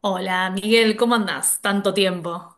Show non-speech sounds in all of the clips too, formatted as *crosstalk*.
Hola, Miguel, ¿cómo andás? Tanto tiempo.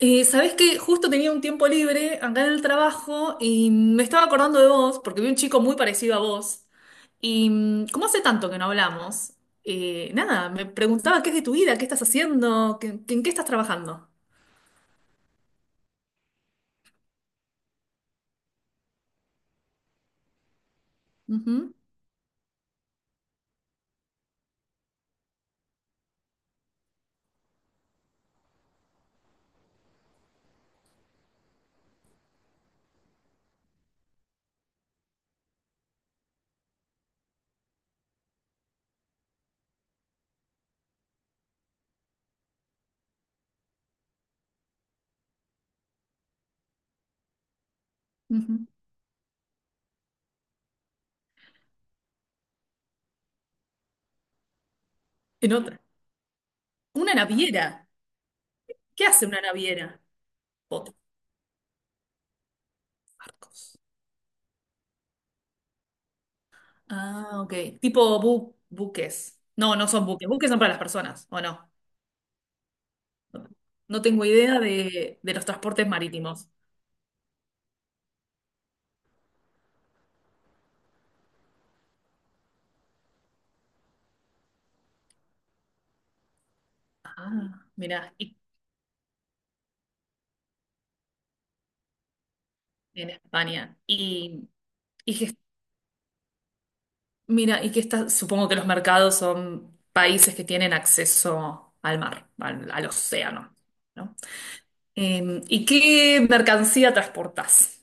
¿Sabés qué? Justo tenía un tiempo libre acá en el trabajo y me estaba acordando de vos porque vi un chico muy parecido a vos. Como hace tanto que no hablamos, nada, me preguntaba qué es de tu vida, qué estás haciendo, en qué estás trabajando. Ujú, ujú. En otra. Una naviera. ¿Qué hace una naviera? Botes, barcos. Ah, ok. Tipo buques. No, no son buques. Buques son para las personas, ¿o no? No tengo idea de los transportes marítimos. Ah, mira, y en España. Y, y que, mira, y que está, supongo que los mercados son países que tienen acceso al mar, al océano, ¿no? ¿Y qué mercancía transportas?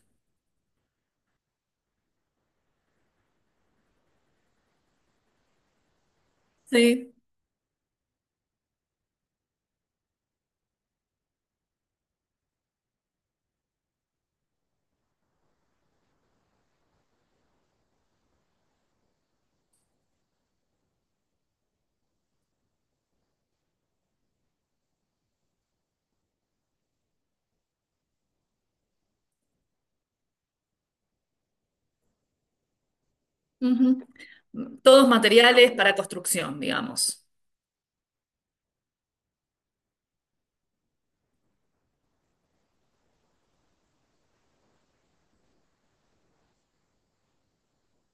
Sí. Ujú. Todos materiales para construcción, digamos.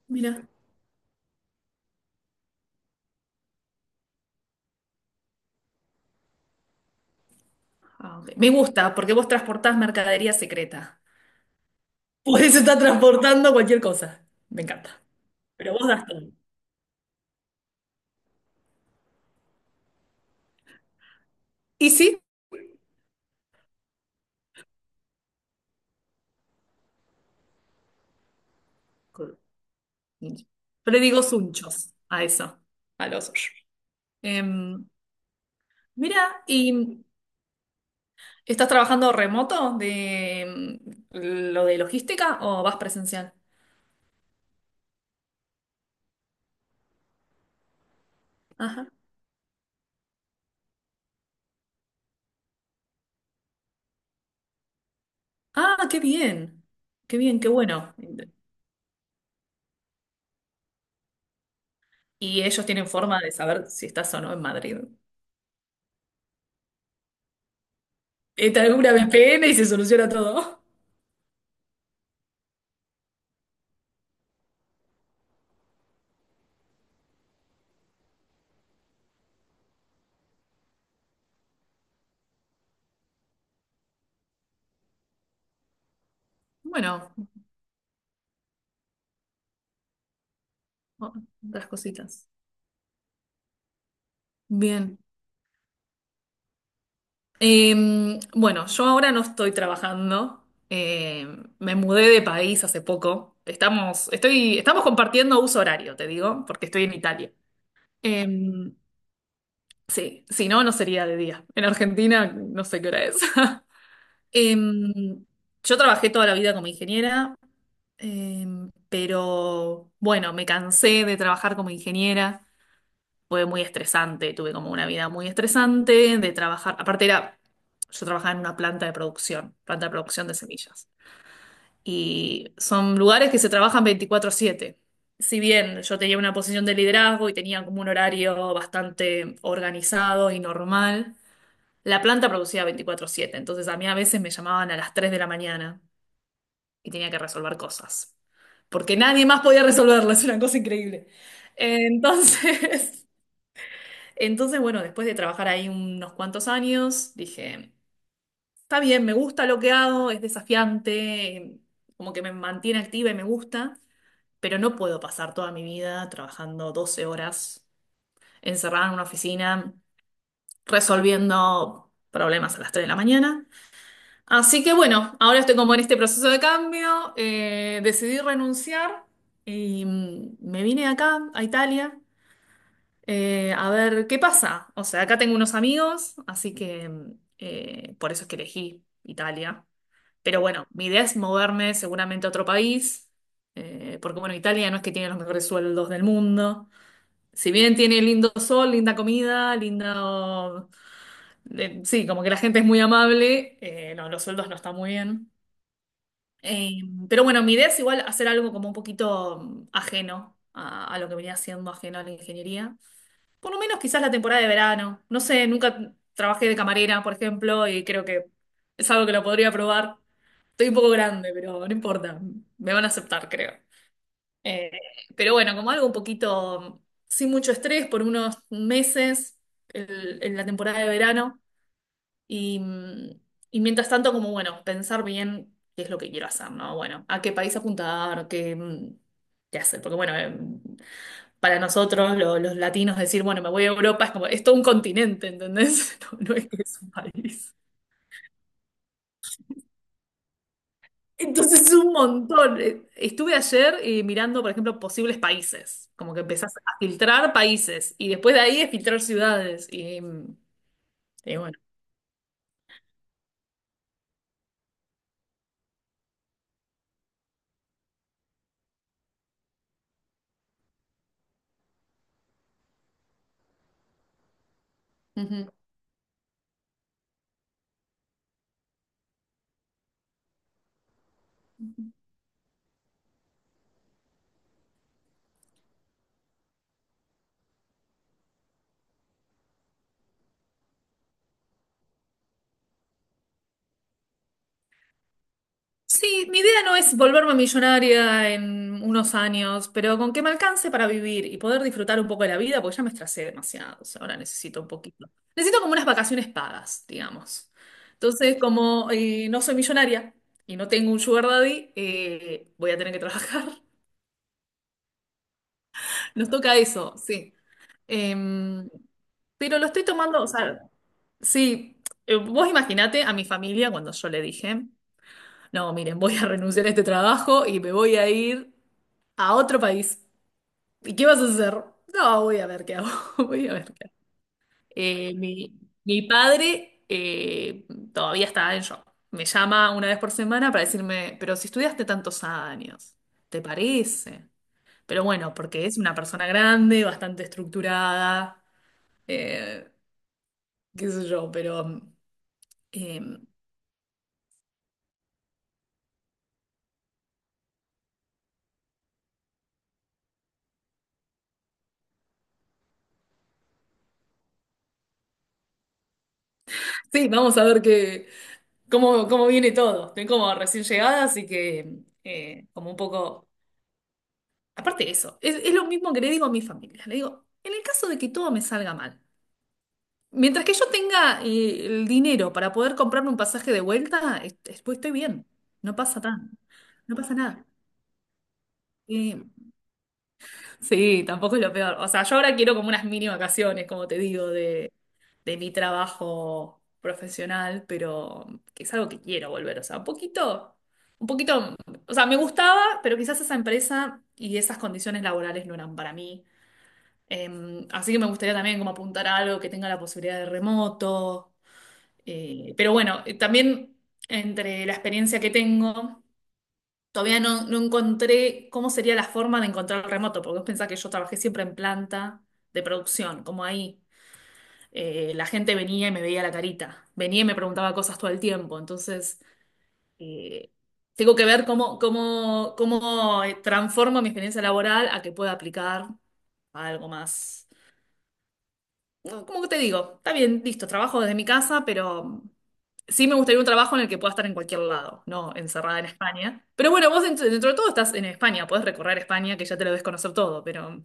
Mira. Ah, ok. Me gusta, porque vos transportás mercadería secreta. *laughs* Podés estar transportando cualquier cosa. Me encanta. Pero vos das todo. Y sí, Col- yo le digo sunchos a eso, a los... Em, Mira, ¿y estás trabajando remoto lo de logística o vas presencial? Ajá. Ah, qué bien, qué bien, qué bueno. Y ellos tienen forma de saber si estás o no en Madrid. Instala una VPN y se soluciona todo. Bueno, o- otras cositas. Bien. Eh, bueno, yo ahora no estoy trabajando. eh, Me mudé de país hace poco. Estamos compartiendo uso horario, te digo, porque estoy en Italia. Eh, sí, si no, no sería de día. En Argentina no sé qué hora es. *laughs* Eh, yo trabajé toda la vida como ingeniera, eh, pero bueno, me cansé de trabajar como ingeniera. Fue muy estresante, tuve como una vida muy estresante de trabajar. Aparte era, yo trabajaba en una planta de producción de semillas, y son lugares que se trabajan 24/7. Si bien yo tenía una posición de liderazgo y tenía como un horario bastante organizado y normal, la planta producía 24/7, entonces a mí a veces me llamaban a las 3 de la mañana y tenía que resolver cosas, porque nadie más podía resolverlas. *laughs* Es una cosa increíble. Entonces... *laughs* Entonces, bueno, después de trabajar ahí unos cuantos años, dije, está bien, me gusta lo que hago, es desafiante, como que me mantiene activa y me gusta, pero no puedo pasar toda mi vida trabajando 12 horas encerrada en una oficina, resolviendo problemas a las 3 de la mañana. Así que bueno, ahora estoy como en este proceso de cambio, decidí renunciar y me vine acá, a Italia. A ver, ¿qué pasa? O sea, acá tengo unos amigos, así que por eso es que elegí Italia. Pero bueno, mi idea es moverme seguramente a otro país, porque bueno, Italia no es que tiene los mejores sueldos del mundo. Si bien tiene lindo sol, linda comida, linda, sí, como que la gente es muy amable, no, los sueldos no están muy bien. Eh, pero bueno, mi idea es igual hacer algo como un poquito ajeno a lo que venía siendo, ajeno a la ingeniería. Por lo menos quizás la temporada de verano. No sé, nunca trabajé de camarera, por ejemplo, y creo que es algo que lo podría probar. Estoy un poco grande, pero no importa. Me van a aceptar, creo. Eh, pero bueno, como algo un poquito sin mucho estrés por unos meses, en la temporada de verano, y y mientras tanto como bueno, pensar bien qué es lo que quiero hacer, ¿no? Bueno, a qué país apuntar, qué, qué hacer, porque bueno, para nosotros, los latinos, decir, bueno, me voy a Europa, es como, es todo un continente, ¿entendés? *laughs* No, no es que es un país. Entonces es un montón. Estuve ayer mirando, por ejemplo, posibles países, como que empezás a filtrar países y después de ahí a filtrar ciudades. Y y bueno. Sí, mi idea no es volverme millonaria en unos años, pero con que me alcance para vivir y poder disfrutar un poco de la vida, porque ya me estresé demasiado. O sea, ahora necesito un poquito. Necesito como unas vacaciones pagas, digamos. Entonces, como no soy millonaria y no tengo un sugar daddy, voy a tener que trabajar. *laughs* Nos toca eso, sí. Em, pero lo estoy tomando, o sea, sí. Vos imaginate a mi familia cuando yo le dije, no, miren, voy a renunciar a este trabajo y me voy a ir a otro país. ¿Y qué vas a hacer? No, voy a ver qué hago. *laughs* Voy a ver qué hago. Eh, mi, mi padre todavía está en shock. Me llama una vez por semana para decirme, pero si estudiaste tantos años, ¿te parece? Pero bueno, porque es una persona grande, bastante estructurada, eh, qué sé yo, pero eh, sí, vamos a ver qué, cómo viene todo. Estoy como recién llegada, así que como un poco... Aparte de eso, es lo mismo que le digo a mi familia. Le digo, en el caso de que todo me salga mal, mientras que yo tenga, el dinero para poder comprarme un pasaje de vuelta, pues estoy bien. No pasa nada. No pasa nada. Eh, sí, tampoco es lo peor. O sea, yo ahora quiero como unas mini vacaciones, como te digo, de mi trabajo profesional, pero que es algo que quiero volver. O sea, un poquito, o sea, me gustaba, pero quizás esa empresa y esas condiciones laborales no eran para mí. Así que me gustaría también como apuntar a algo que tenga la posibilidad de remoto. Pero bueno, también entre la experiencia que tengo, todavía no, no encontré cómo sería la forma de encontrar el remoto, porque vos pensás que yo trabajé siempre en planta de producción, como ahí. La gente venía y me veía la carita, venía y me preguntaba cosas todo el tiempo, entonces eh, tengo que ver cómo transformo mi experiencia laboral, a que pueda aplicar a algo más. No, como te digo, está bien, listo, trabajo desde mi casa, pero sí me gustaría un trabajo en el que pueda estar en cualquier lado, no encerrada en España. Pero bueno, vos, dentro de todo estás en España, podés recorrer España, que ya te lo debes conocer todo, pero...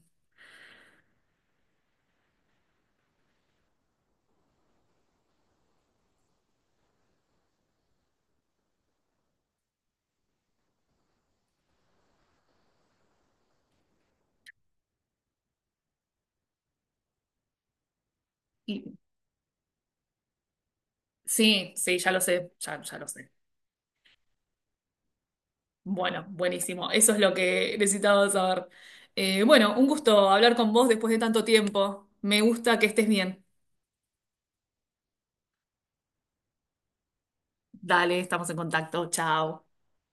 y- sí, sí, ya lo sé, ya lo sé. Bueno, buenísimo, eso es lo que necesitaba saber. Bueno, un gusto hablar con vos después de tanto tiempo. Me gusta que estés bien. Dale, estamos en contacto, chao.